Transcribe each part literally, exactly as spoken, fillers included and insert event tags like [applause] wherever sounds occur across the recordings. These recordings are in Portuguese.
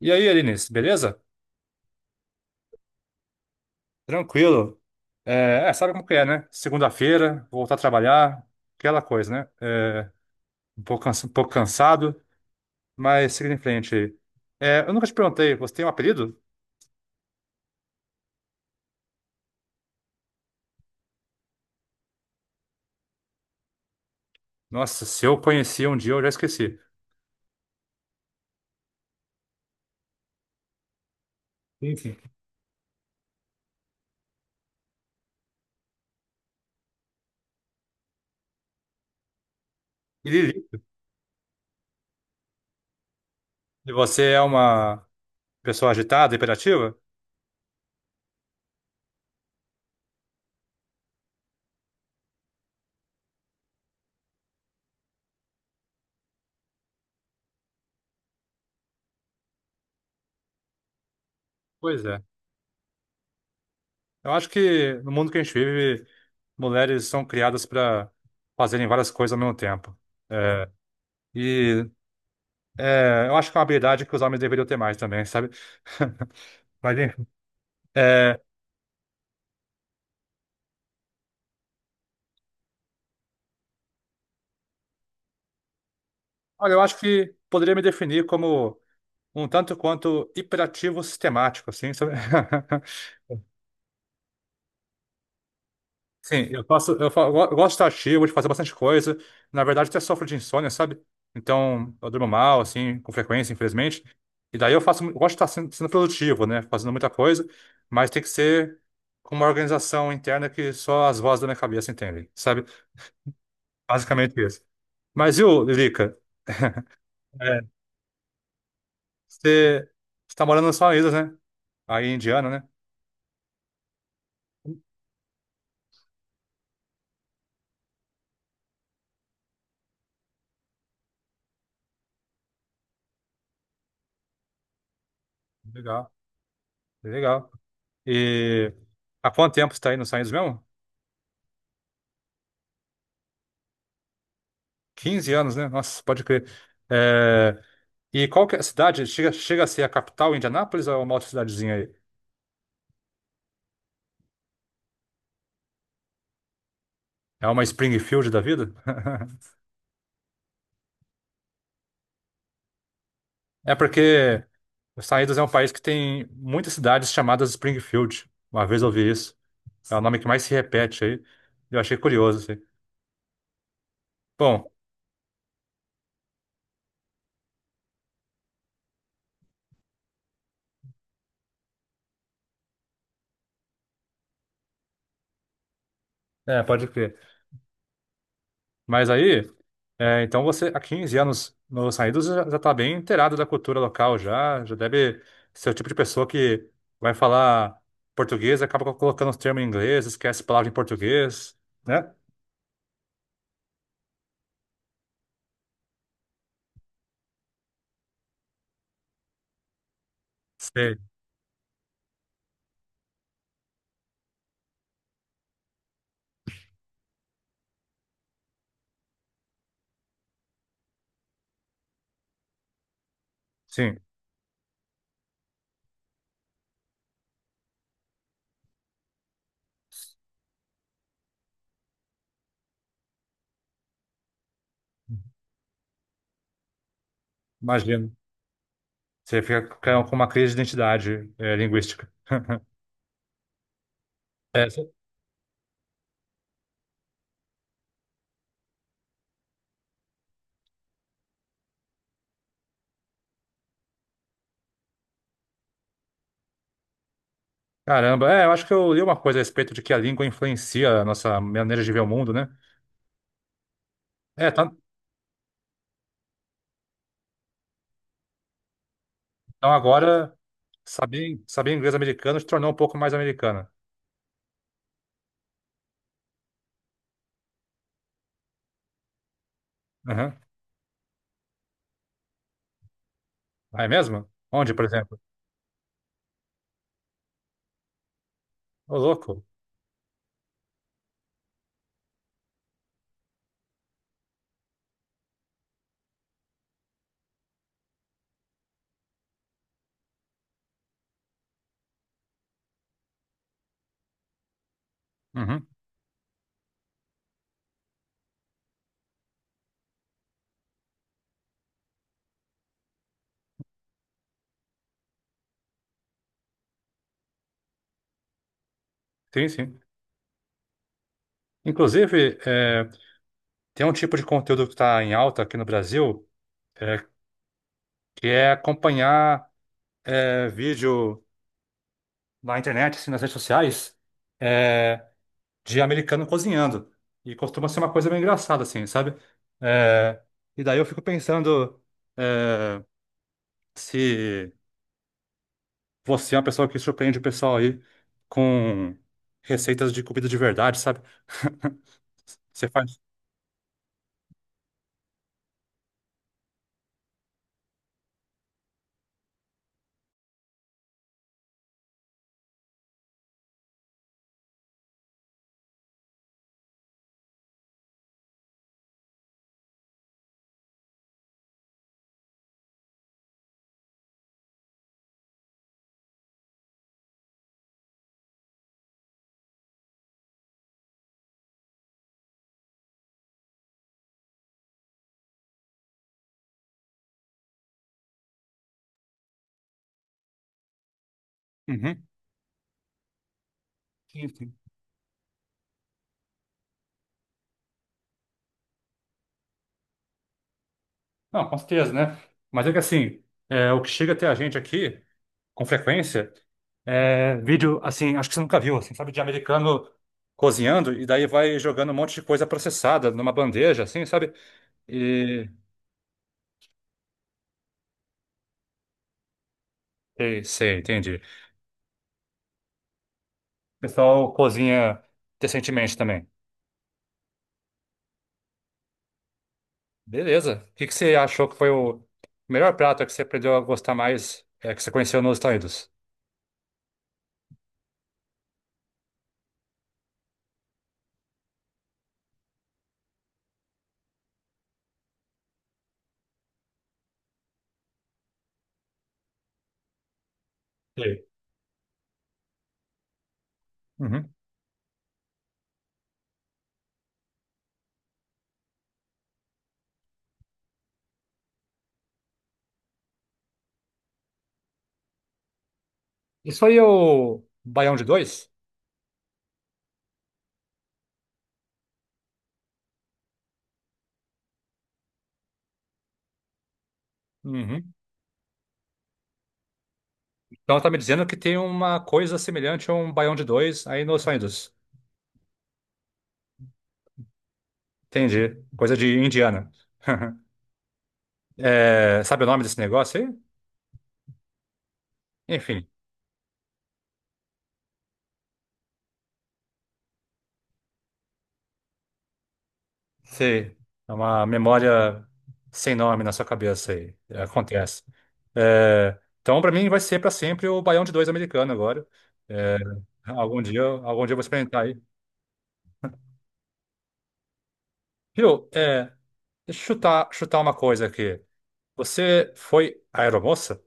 E aí, Eunice, beleza? Tranquilo. É, é, sabe como que é, né? Segunda-feira, voltar a trabalhar, aquela coisa, né? É, um pouco, cansa- um pouco cansado, mas seguindo em frente aí. É, eu nunca te perguntei, você tem um apelido? Nossa, se eu conhecia um dia, eu já esqueci. Enfim. E Lili, e você é uma pessoa agitada, hiperativa? Pois é. Eu acho que no mundo que a gente vive, mulheres são criadas para fazerem várias coisas ao mesmo tempo. É, e É, eu acho que é uma habilidade que os homens deveriam ter mais também, sabe? [laughs] Mas, enfim. É, olha, eu acho que poderia me definir como um tanto quanto hiperativo sistemático, assim, sabe? [laughs] Sim, eu faço, eu, fa- eu go- eu gosto de estar ativo, de fazer bastante coisa. Na verdade, até sofro de insônia, sabe? Então, eu durmo mal, assim, com frequência, infelizmente. E daí eu faço, eu gosto de estar sendo, sendo produtivo, né? Fazendo muita coisa, mas tem que ser com uma organização interna que só as vozes da minha cabeça entendem, sabe? Basicamente isso. Mas, viu, Lilica? É, você está morando nas suas ilhas, né? Aí em Indiana, né? Legal, legal. E há quanto tempo você está aí nos Estados Unidos mesmo? Quinze anos, né? Nossa, pode crer. É, E qual que é a cidade? Chega, chega a ser a capital, Indianápolis, ou é uma outra cidadezinha aí? É uma Springfield da vida? [laughs] É porque os Estados Unidos é um país que tem muitas cidades chamadas Springfield. Uma vez eu ouvi isso. É o nome que mais se repete aí. Eu achei curioso, assim. Bom, é, pode crer. Mas aí. É, então você, há quinze anos nos Saídos, já está bem inteirado da cultura local já, já deve ser o tipo de pessoa que vai falar português, acaba co- colocando os termos em inglês, esquece palavra em português, né? Sei, sim, imagino. Você fica com com uma crise de identidade, é, linguística. É, sim. caramba, é, eu acho que eu li uma coisa a respeito de que a língua influencia a nossa maneira de ver o mundo, né? É, tá- então agora saber, saber inglês americano te tornou um pouco mais americana. Ah, é mesmo? Onde, por exemplo? Ô, louco. Uhum. Sim, sim. Inclusive, é, tem um tipo de conteúdo que está em alta aqui no Brasil, é, que é acompanhar é, vídeo na internet, assim, nas redes sociais, é, de americano cozinhando. E costuma ser uma coisa bem engraçada, assim, sabe? É, e daí eu fico pensando é, se você é uma pessoa que surpreende o pessoal aí com receitas de comida de verdade, sabe? [laughs] Você faz. Uhum. Sim, sim. Não, com certeza, né? Mas é que assim, é, o que chega até a gente aqui, com frequência, é vídeo, assim, acho que você nunca viu, assim, sabe, de americano cozinhando e daí vai jogando um monte de coisa processada numa bandeja, assim, sabe? E. Sei, sei, entendi. O pessoal cozinha decentemente também. Beleza. O que que você achou que foi o melhor prato que você aprendeu a gostar mais, é, que você conheceu nos Estados Unidos? Sei. Uhum. Isso aí é o baião de dois? Uhum. Então tá me dizendo que tem uma coisa semelhante a um baião de dois aí nos Estados Unidos. Entendi. Coisa de indiana. [laughs] É, sabe o nome desse negócio aí? Enfim, sei. É uma memória sem nome na sua cabeça aí. É, Acontece. É, então para mim vai ser para sempre o baião de dois americano agora. É, algum dia, algum dia eu vou experimentar aí. Viu? É, deixa eu chutar, chutar uma coisa aqui. Você foi aeromoça?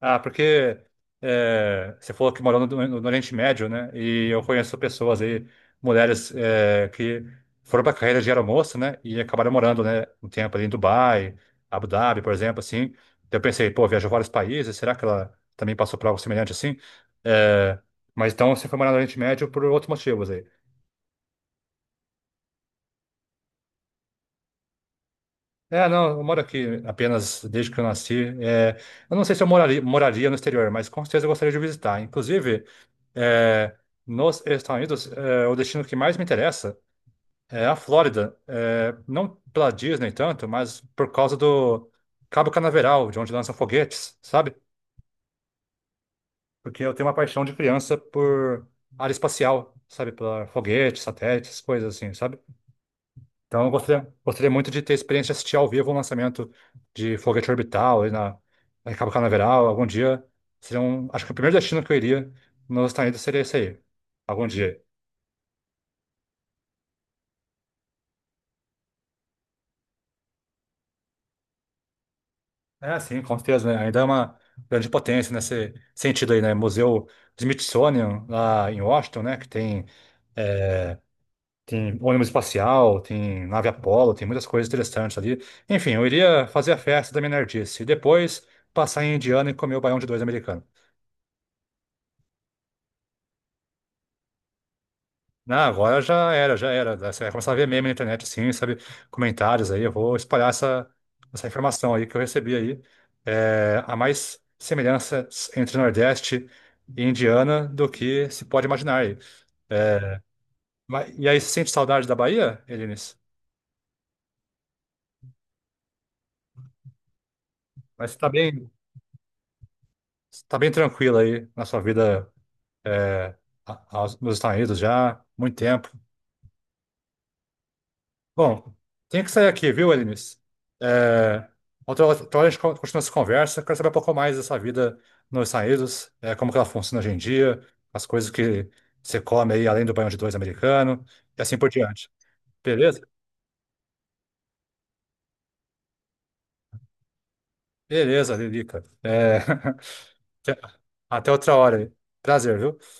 Ah, porque é, você falou que morou no, no- Oriente Médio, né? E eu conheço pessoas aí, mulheres é, que foram para a carreira de aeromoça, né? E acabaram morando, né? Um tempo ali em Dubai, Abu Dhabi, por exemplo, assim. Então eu pensei, pô, viajou vários países, será que ela também passou por algo semelhante assim? É, mas então você foi morar no Oriente Médio por outros motivos aí. É, não, eu moro aqui apenas desde que eu nasci. É, eu não sei se eu moraria, moraria no exterior, mas com certeza eu gostaria de visitar. Inclusive, é, nos Estados Unidos, é, o destino que mais me interessa é a Flórida. É, não pela Disney tanto, mas por causa do Cabo Canaveral, de onde lançam foguetes, sabe? Porque eu tenho uma paixão de criança por área espacial, sabe? Pela foguetes, satélites, coisas assim, sabe? Então, eu gostaria, gostaria muito de ter experiência de assistir ao vivo um lançamento de Foguete Orbital aí na, na Cabo Canaveral. Algum dia seria um. Acho que o primeiro destino que eu iria nos Estados Unidos seria esse aí. Algum dia. É, sim, com certeza, né? Ainda é uma grande potência nesse sentido aí, né? Museu Smithsonian lá em Washington, né? Que tem, é, tem ônibus espacial, tem nave Apollo, tem muitas coisas interessantes ali. Enfim, eu iria fazer a festa da minha nerdice e depois passar em Indiana e comer o baião de dois americano. Não, agora já era, já era. Você vai começar a ver meme na internet, assim, sabe? Comentários aí. Eu vou espalhar essa, essa informação aí que eu recebi aí. É, há mais semelhanças entre Nordeste e Indiana do que se pode imaginar aí. É, mas- e aí, você sente saudade da Bahia, Elinis? Mas você tá bem, você tá bem tranquilo aí na sua vida, é, a- aos- nos Estados Unidos já, há muito tempo. Bom, tenho que sair aqui, viu, Elinis? É, outra, outra hora a gente con- continua essa conversa. Quero saber um pouco mais dessa vida nos Estados Unidos, é, como que ela funciona hoje em dia, as coisas que você come aí, além do banho de dois americano, e assim por diante. Beleza? Beleza, Lilica. É, [laughs] até outra hora aí. Prazer, viu?